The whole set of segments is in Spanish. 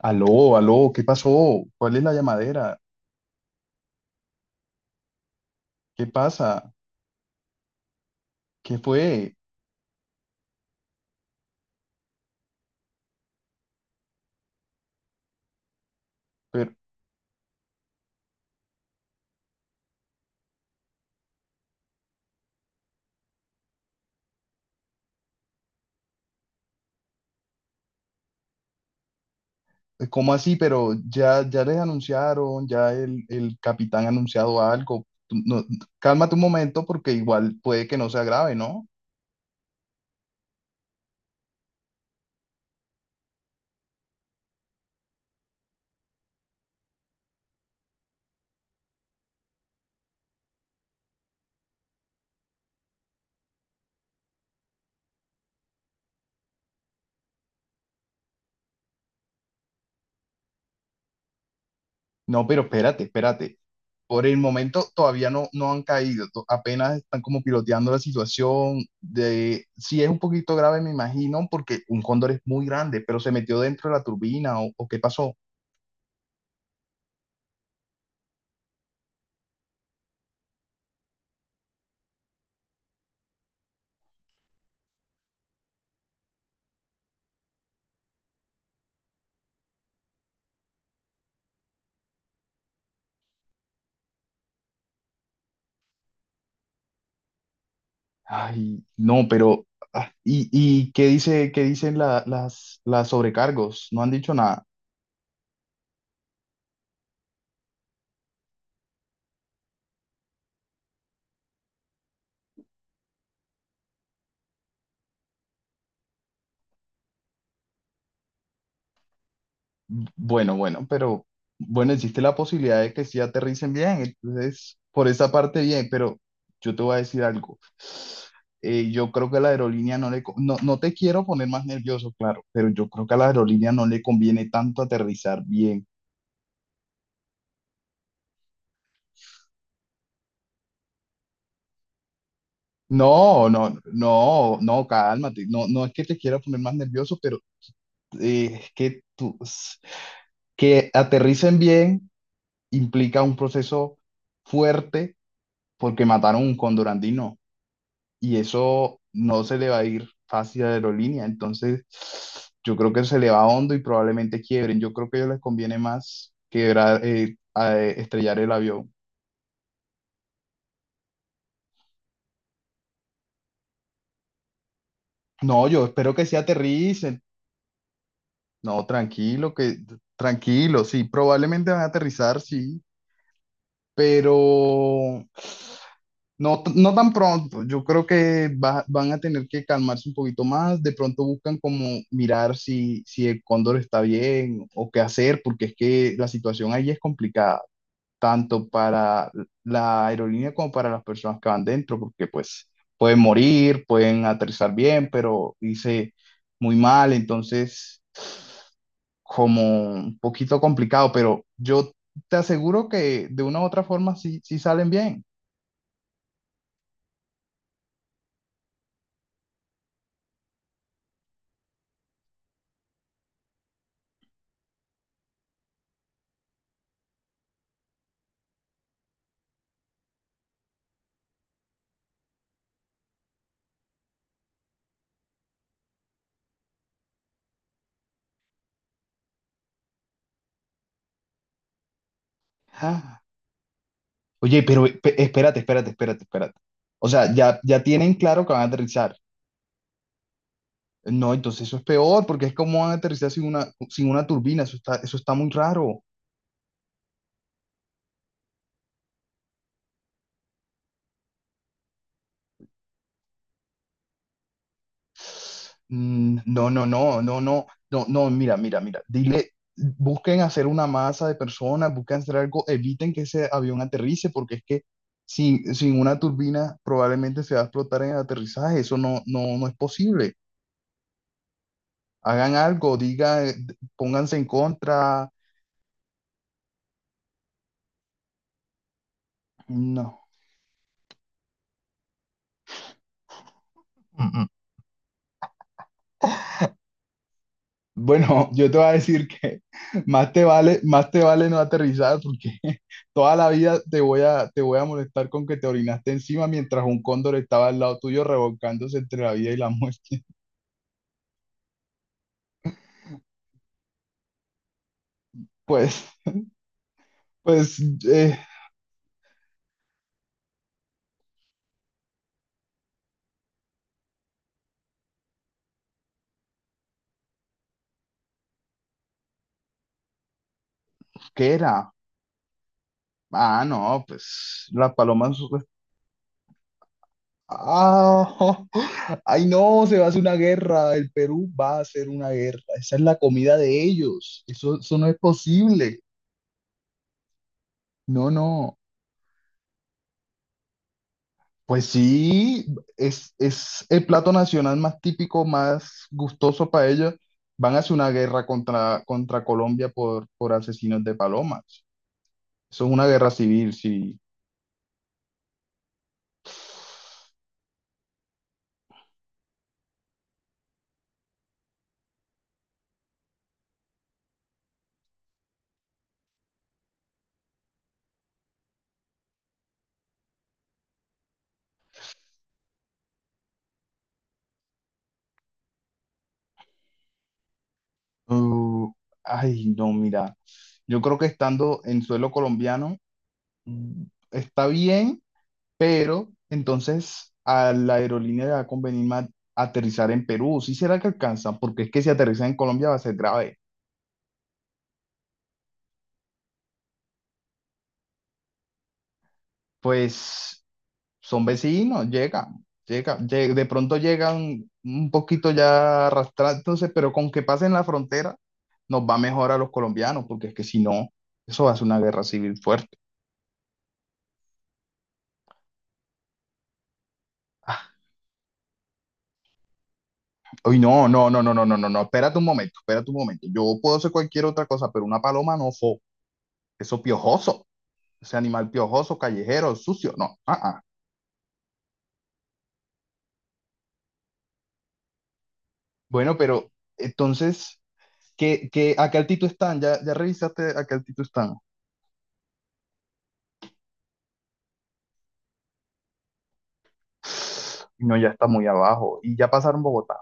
Aló, aló, ¿qué pasó? ¿Cuál es la llamadera? ¿Qué pasa? ¿Qué fue? Pero, ¿cómo así? Pero ya, ya les anunciaron, ya el capitán ha anunciado algo. No, cálmate un momento porque igual puede que no sea grave, ¿no? No, pero espérate, espérate. Por el momento todavía no han caído, apenas están como piloteando la situación de si es un poquito grave, me imagino, porque un cóndor es muy grande, pero se metió dentro de la turbina o qué pasó. Ay, no, pero ah, ¿y qué dice, qué dicen las sobrecargos? No han dicho nada. Bueno, bueno, pero bueno, existe la posibilidad de que sí aterricen bien, entonces por esa parte bien, pero yo te voy a decir algo. Yo creo que a la aerolínea no le, no, no te quiero poner más nervioso, claro, pero yo creo que a la aerolínea no le conviene tanto aterrizar bien. No, no, no, no, cálmate. No, no es que te quiera poner más nervioso, pero es que tú, que aterricen bien implica un proceso fuerte porque mataron un cóndor andino y eso no se le va a ir fácil a la aerolínea. Entonces, yo creo que se le va hondo y probablemente quiebren. Yo creo que a ellos les conviene más quebrar, estrellar el avión. No, yo espero que sí aterricen. No, tranquilo, que tranquilo, sí, probablemente van a aterrizar, sí. Pero no, no tan pronto. Yo creo que van a tener que calmarse un poquito más. De pronto buscan como mirar si, si el cóndor está bien o qué hacer, porque es que la situación ahí es complicada, tanto para la aerolínea como para las personas que van dentro, porque pues pueden morir, pueden aterrizar bien, pero hice muy mal. Entonces, como un poquito complicado, pero yo te aseguro que de una u otra forma sí, sí salen bien. Ah, oye, pero espérate, espérate, espérate, espérate. O sea, ya, ya tienen claro que van a aterrizar. No, entonces eso es peor, porque es como van a aterrizar sin una, sin una turbina, eso está muy raro. No, no, no, no, no, no, no, mira, mira, mira, dile, busquen hacer una masa de personas, busquen hacer algo, eviten que ese avión aterrice, porque es que sin, sin una turbina probablemente se va a explotar en el aterrizaje, eso no, no, no es posible. Hagan algo, digan, pónganse en contra, no. Bueno, yo te voy a decir que más te vale no aterrizar porque toda la vida te voy a molestar con que te orinaste encima mientras un cóndor estaba al lado tuyo revolcándose entre la vida y la muerte. Pues, pues, eh, ¿qué era? Ah, no, pues las palomas. Ah, ay no, se va a hacer una guerra. El Perú va a hacer una guerra. Esa es la comida de ellos. Eso no es posible. No, no. Pues sí, es el plato nacional más típico, más gustoso para ellos. Van a hacer una guerra contra, contra Colombia por asesinos de palomas. Eso es una guerra civil, sí. Uh, ay, no, mira. Yo creo que estando en suelo colombiano mm, está bien, pero entonces a la aerolínea le va a convenir más aterrizar en Perú. ¿Sí será que alcanza? Porque es que si aterriza en Colombia va a ser grave. Pues son vecinos, llegan, llegan, de pronto llegan un poquito ya arrastrándose, pero con que pasen la frontera nos va mejor a los colombianos, porque es que si no, eso va a ser una guerra civil fuerte. Ah, uy, no, no, no, no, no, no, no, no, espérate un momento, espérate un momento. Yo puedo hacer cualquier otra cosa, pero una paloma no fo, eso piojoso, ese animal piojoso, callejero, sucio, no, ah, ah. Bueno, pero entonces, ¿qué, qué, a qué altitud están? ¿Ya, ya revisaste a qué altitud están? No, ya está muy abajo. Y ya pasaron Bogotá.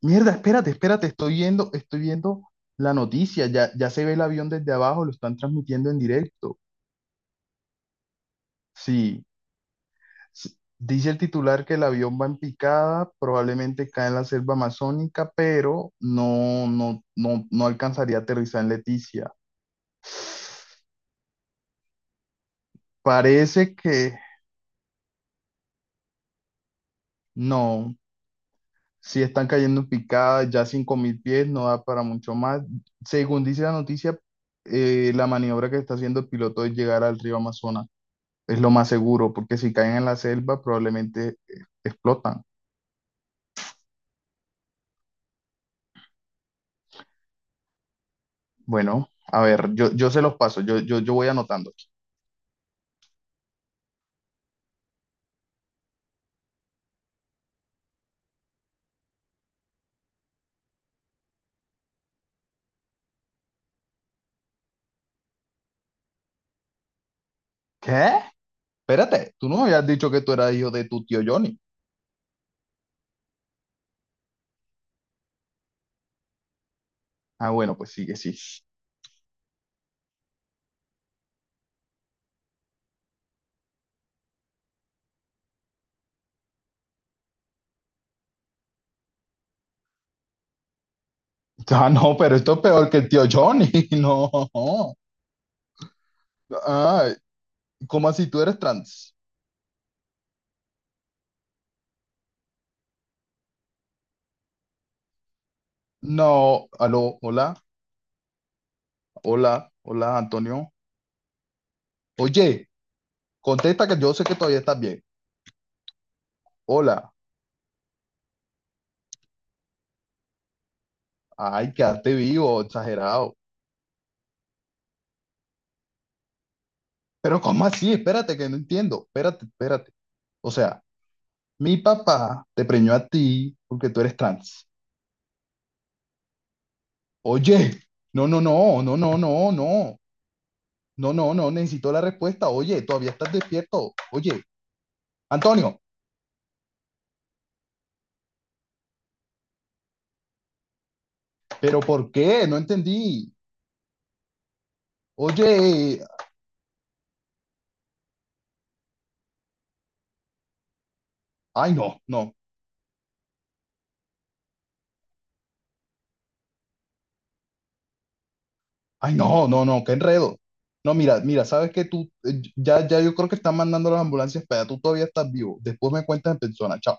Mierda, espérate, espérate, estoy viendo la noticia. Ya, ya se ve el avión desde abajo, lo están transmitiendo en directo. Sí, sí. Dice el titular que el avión va en picada, probablemente cae en la selva amazónica, pero no, no, no, no alcanzaría a aterrizar en Leticia. Parece que no, si están cayendo en picada, ya 5000 pies, no da para mucho más. Según dice la noticia, la maniobra que está haciendo el piloto es llegar al río Amazonas. Es lo más seguro, porque si caen en la selva probablemente explotan. Bueno, a ver, yo se los paso, yo voy anotando aquí. ¿Qué? Espérate, tú no me habías dicho que tú eras hijo de tu tío Johnny. Ah, bueno, pues sigue, sí. Ah, no, pero esto es peor que el tío Johnny, no. Ah, ¿cómo así tú eres trans? No, aló, hola. Hola, hola Antonio. Oye, contesta que yo sé que todavía estás bien. Hola. Ay, quedaste vivo, exagerado. Pero ¿cómo así? Espérate, que no entiendo. Espérate, espérate. O sea, mi papá te preñó a ti porque tú eres trans. Oye, no, no, no, no, no, no, no. No, no, no, necesito la respuesta. Oye, todavía estás despierto. Oye, Antonio, pero ¿por qué? No entendí. Oye, ay, no, no. Ay, no, no, no, qué enredo. No, mira, mira, sabes que tú, ya, ya yo creo que están mandando las ambulancias para tú todavía estás vivo. Después me cuentas en persona, chao.